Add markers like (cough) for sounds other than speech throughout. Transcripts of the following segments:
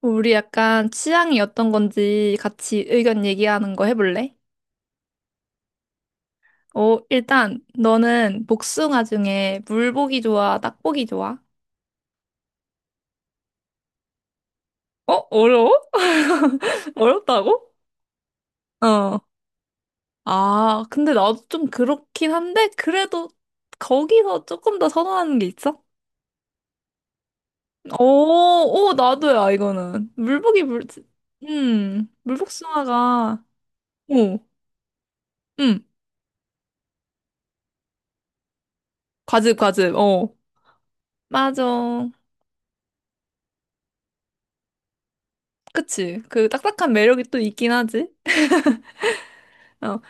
우리 약간 취향이 어떤 건지 같이 의견 얘기하는 거 해볼래? 일단 너는 복숭아 중에 물복이 좋아, 딱복이 좋아? 어? 어려워? (laughs) 어렵다고? 어. 아, 근데 나도 좀 그렇긴 한데 그래도 거기서 조금 더 선호하는 게 있어? 오, 오, 나도야, 이거는. 물복이 물, 물복숭아가, 오, 음, 과즙, 과즙, 어. 맞아. 그치. 그 딱딱한 매력이 또 있긴 하지. 어,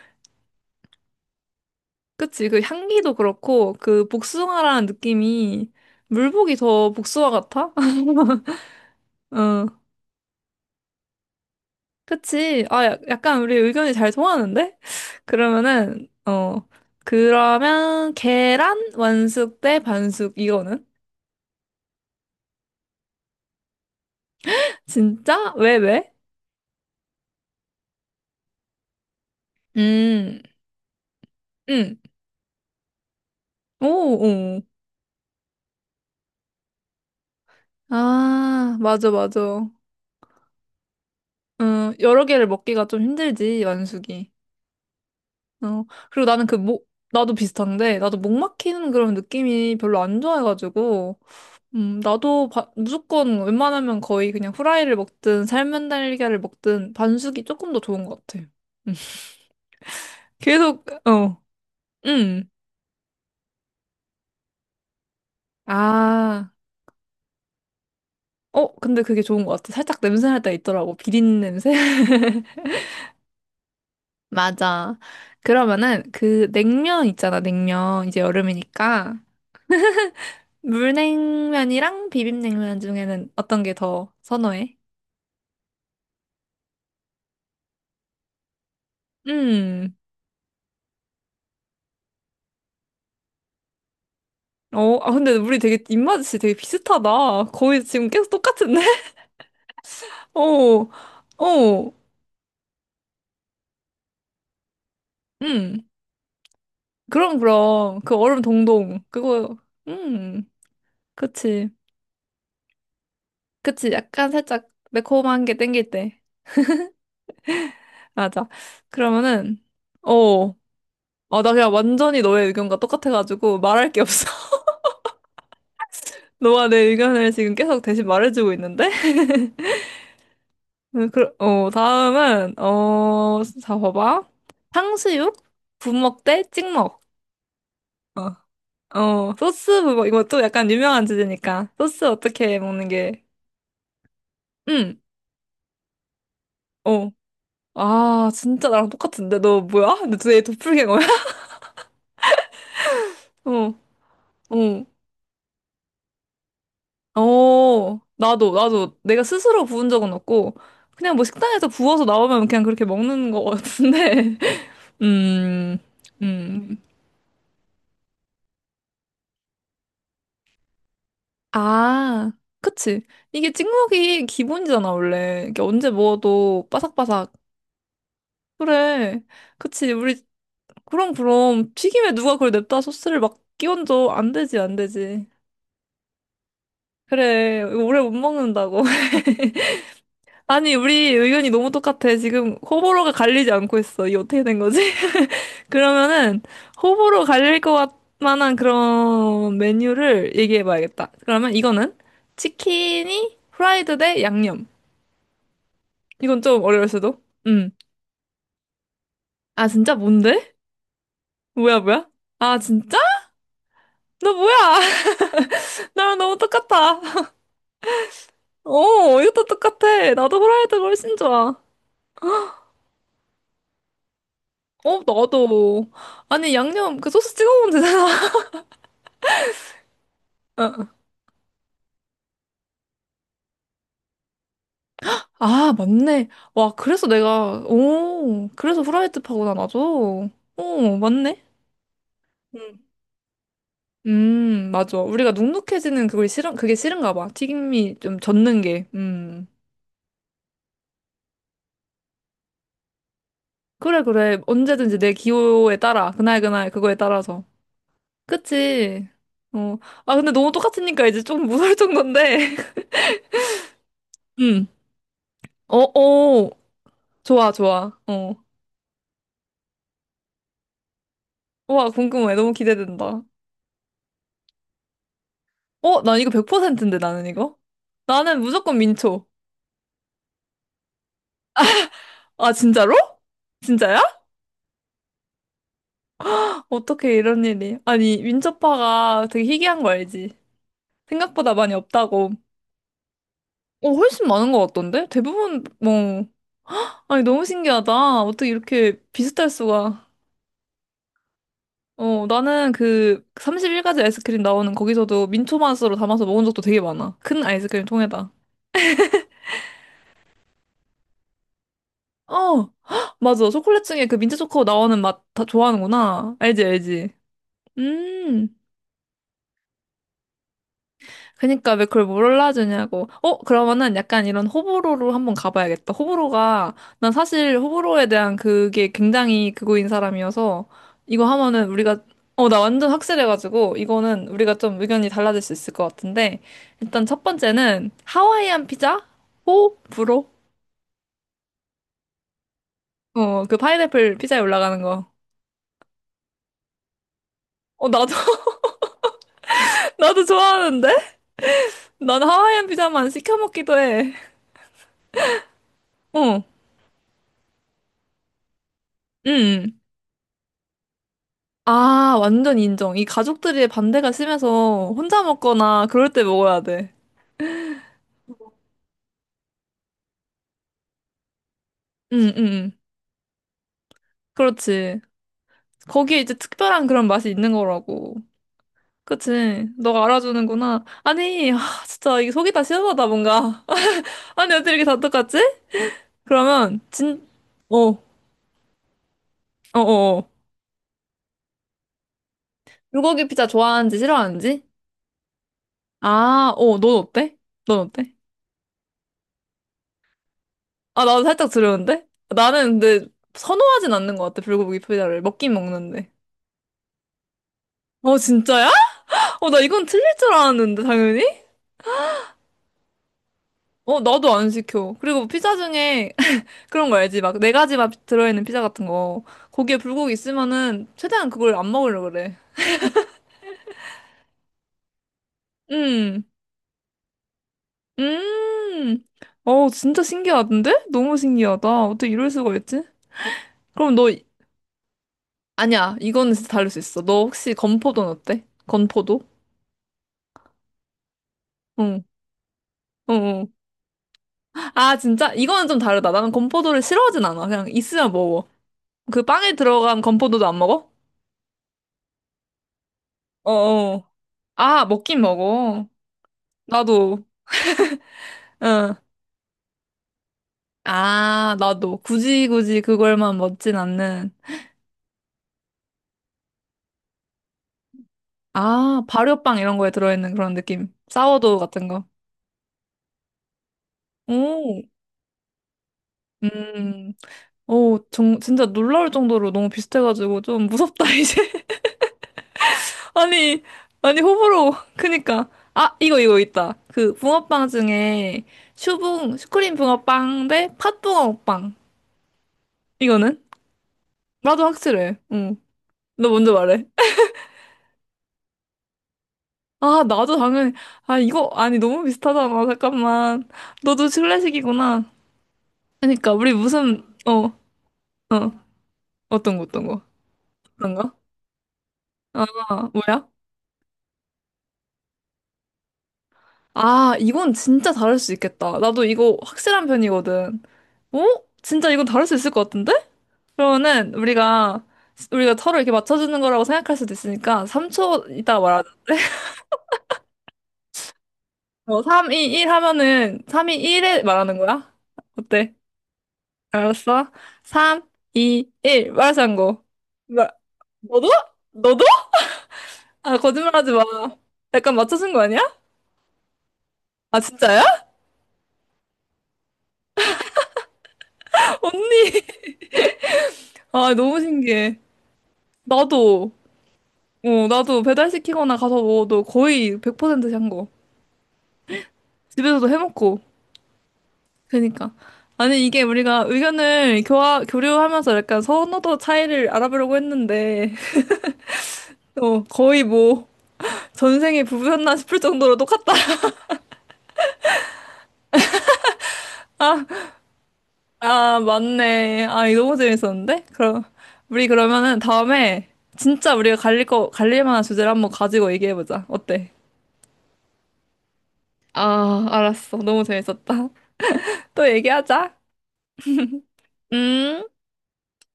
그치. 그 향기도 그렇고, 그 복숭아라는 느낌이 물복이 더 복숭아 같아? (laughs) 어, 그치. 아, 약간 우리 의견이 잘 통하는데? 그러면은, 어, 그러면 계란 완숙 대 반숙 이거는? 진짜? 왜, 왜? 음, 음. 오, 오. 아, 맞아, 맞아. 여러 개를 먹기가 좀 힘들지, 완숙이. 어, 그리고 나는 그 목, 나도 비슷한데, 나도 목 막히는 그런 느낌이 별로 안 좋아해가지고, 나도 무조건 웬만하면 거의 그냥 후라이를 먹든 삶은 달걀을 먹든 반숙이 조금 더 좋은 것 같아. 음. (laughs) 계속, 어, 음. 아, 근데 그게 좋은 것 같아. 살짝 냄새 날 때 있더라고. 비린 냄새? (laughs) 맞아. 그러면은 그 냉면 있잖아, 냉면. 이제 여름이니까. 물냉면이랑 비빔냉면 중에는 어떤 게 더 선호해? 음. 아, 근데 우리 되게 입맛이 되게 비슷하다. 거의 지금 계속 똑같은데? (laughs) 어, 어, 음. 그럼, 그럼. 그 얼음 동동. 그거, 음. 그치. 그치. 약간 살짝 매콤한 게 땡길 때. 맞아. 그러면은, 어. 아, 나 그냥 완전히 너의 의견과 똑같아가지고 말할 게 없어. (laughs) 너가 내 의견을 지금 계속 대신 말해주고 있는데? 그, 다음은, 어, 자, 봐봐. 탕수육? 부먹 대 찍먹. 어, 소스 그거, 이거 또 약간 유명한 주제니까. 소스 어떻게 먹는 게, 응, 어. 아, 진짜 나랑 똑같은데? 너 뭐야? 근데 도대체 도플갱어야? (laughs) 어, 어, 어. 나도, 내가 스스로 부은 적은 없고, 그냥 뭐 식당에서 부어서 나오면 그냥 그렇게 먹는 거 같은데. (laughs) 음, 음. 아, 그치. 이게 찍먹이 기본이잖아, 원래. 이게 언제 먹어도 바삭바삭. 그래. 그치. 우리 그럼, 그럼. 튀김에 누가 그걸 냅다 소스를 막 끼얹어. 안 되지, 안 되지. 그래, 이거 오래 못 먹는다고. (laughs) 아니, 우리 의견이 너무 똑같아. 지금 호불호가 갈리지 않고 있어. 이게 어떻게 된 거지? (laughs) 그러면은, 호불호 갈릴 것 만한 그런 메뉴를 얘기해 봐야겠다. 그러면 이거는? 치킨이 프라이드 대 양념. 이건 좀 어려울 수도. 음. 아, 진짜? 뭔데? 뭐야, 뭐야? 아, 진짜? 너 뭐야? (laughs) 나랑 너무 똑같아. 이것도 똑같아. 나도 후라이드가 훨씬 좋아. 어, 나도. 아니, 양념, 그 소스 찍어 먹으면 되잖아. (laughs) 어. 아, 맞네. 와, 그래서 내가, 오, 그래서 후라이드 파구나, 나도. 오, 맞네. 음, 맞아. 우리가 눅눅해지는 그걸 싫은, 그게 싫은가 봐. 튀김이 좀 젖는 게. 음. 그래, 그래. 언제든지 내 기호에 따라. 그날, 그날, 그거에 따라서. 그치? 어. 아, 근데 너무 똑같으니까 이제 좀 무서울 정도인데. (laughs) 음. 어, 어. 좋아, 좋아. 어. 와, 궁금해. 너무 기대된다. 난 이거 100%인데, 나는 이거? 나는 무조건 민초. 아, 진짜로? 진짜야? 어떻게 이런 일이. 아니, 민초파가 되게 희귀한 거 알지? 생각보다 많이 없다고. 훨씬 많은 것 같던데? 대부분, 뭐. 아니, 너무 신기하다. 어떻게 이렇게 비슷할 수가. 나는 그 31가지 아이스크림 나오는 거기서도 민초 맛으로 담아서 먹은 적도 되게 많아. 큰 아이스크림 통에다. 어, (gasps) 헉, 맞아. 초콜릿 중에 그 민트 초코 나오는 맛 다 좋아하는구나. 알지, 알지. 음, 그니까 왜 그걸 몰라주냐고. 그러면은 약간 이런 호불호로 한번 가봐야겠다. 호불호가, 난 사실 호불호에 대한 그게 굉장히 그거인 사람이어서, 이거 하면은 우리가, 어, 나 완전 확실해가지고, 이거는 우리가 좀 의견이 달라질 수 있을 것 같은데, 일단 첫 번째는 하와이안 피자? 호불호? 그 파인애플 피자에 올라가는 거. 어, 나도, (laughs) 나도 좋아하는데? 난 하와이안 피자만 시켜 먹기도 해. 어, 응. 응. 아, 완전 인정. 이 가족들의 반대가 심해서 혼자 먹거나 그럴 때 먹어야 돼. 응, 응, 응. 그렇지. 거기에 이제 특별한 그런 맛이 있는 거라고. 그치. 너가 알아주는구나. 아니, 아, 진짜 이게 속이 다 시원하다, 뭔가. (laughs) 아니, 어떻게 이렇게 다 똑같지? 그러면, 어, 어, 어, 어. 불고기 피자 좋아하는지 싫어하는지? 아, 넌 어때? 넌 어때? 아, 나도 살짝 두려운데? 나는 근데 선호하진 않는 것 같아, 불고기 피자를. 먹긴 먹는데. 어, 진짜야? 나 이건 틀릴 줄 알았는데, 당연히? 나도 안 시켜. 그리고 피자 중에 (laughs) 그런 거 알지? 막 네 가지 맛 들어있는 피자 같은 거. 거기에 불고기 있으면은 최대한 그걸 안 먹으려고 그래. 음, 음. 진짜 신기하던데? 너무 신기하다. 어떻게 이럴 수가 있지? 그럼 너. 아니야. 이거는 진짜 다를 수 있어. 너 혹시 건포도는 어때? 건포도? 응, 응, 응. 아, 진짜? 이거는 좀 다르다. 나는 건포도를 싫어하진 않아. 그냥 있으면 먹어. 그 빵에 들어간 건포도도 안 먹어? 어어. 아, 먹긴 먹어. 나도. 응. 아, 나도. 굳이 굳이 그걸만 먹진 않는. 아, 발효빵 이런 거에 들어있는 그런 느낌. 사워도우 같은 거. 오. 음. 오, 진짜 놀라울 정도로 너무 비슷해가지고 좀 무섭다, (laughs) 이제. 아니, 아니, 호불호. 그니까. 아, 이거 있다. 그, 붕어빵 중에, 슈크림 붕어빵 대 팥붕어빵. 이거는? 나도 확실해. 응. 너 먼저 말해. 아, 나도 당연히. 아, 이거, 아니, 너무 비슷하잖아. 잠깐만. 너도 클래식이구나. 그니까, 우리 무슨, 어, 어. 어떤 거, 어떤 거? 어떤 거? 아, 뭐야? 아, 이건 진짜 다를 수 있겠다. 나도 이거 확실한 편이거든. 어? 진짜 이건 다를 수 있을 것 같은데? 그러면은 우리가 서로 이렇게 맞춰주는 거라고 생각할 수도 있으니까 3초 이따 말하자. 3, 2, 1 하면은 3, 2, 1에 말하는 거야? 어때? 알았어? 3, 2, 1 말하자고. 마- 너도? 너도? 아 거짓말하지 마. 약간 맞춰준 거 아니야? 아 진짜야? (laughs) 언니. 아 너무 신기해. 나도. 나도 배달시키거나 가서 먹어도 거의 100%한 고 집에서도 해먹고. 그니까. 아니, 이게 우리가 의견을 교류하면서 약간 선호도 차이를 알아보려고 했는데, (laughs) 어, 거의 뭐, 전생에 부부였나 싶을 정도로 똑같다. (laughs) 아, 아, 맞네. 아, 이거 너무 재밌었는데? 그럼, 우리 그러면은 다음에 진짜 우리가 갈릴 만한 주제를 한번 가지고 얘기해보자. 어때? 아, 알았어. 너무 재밌었다. (laughs) 또 얘기하자. 음.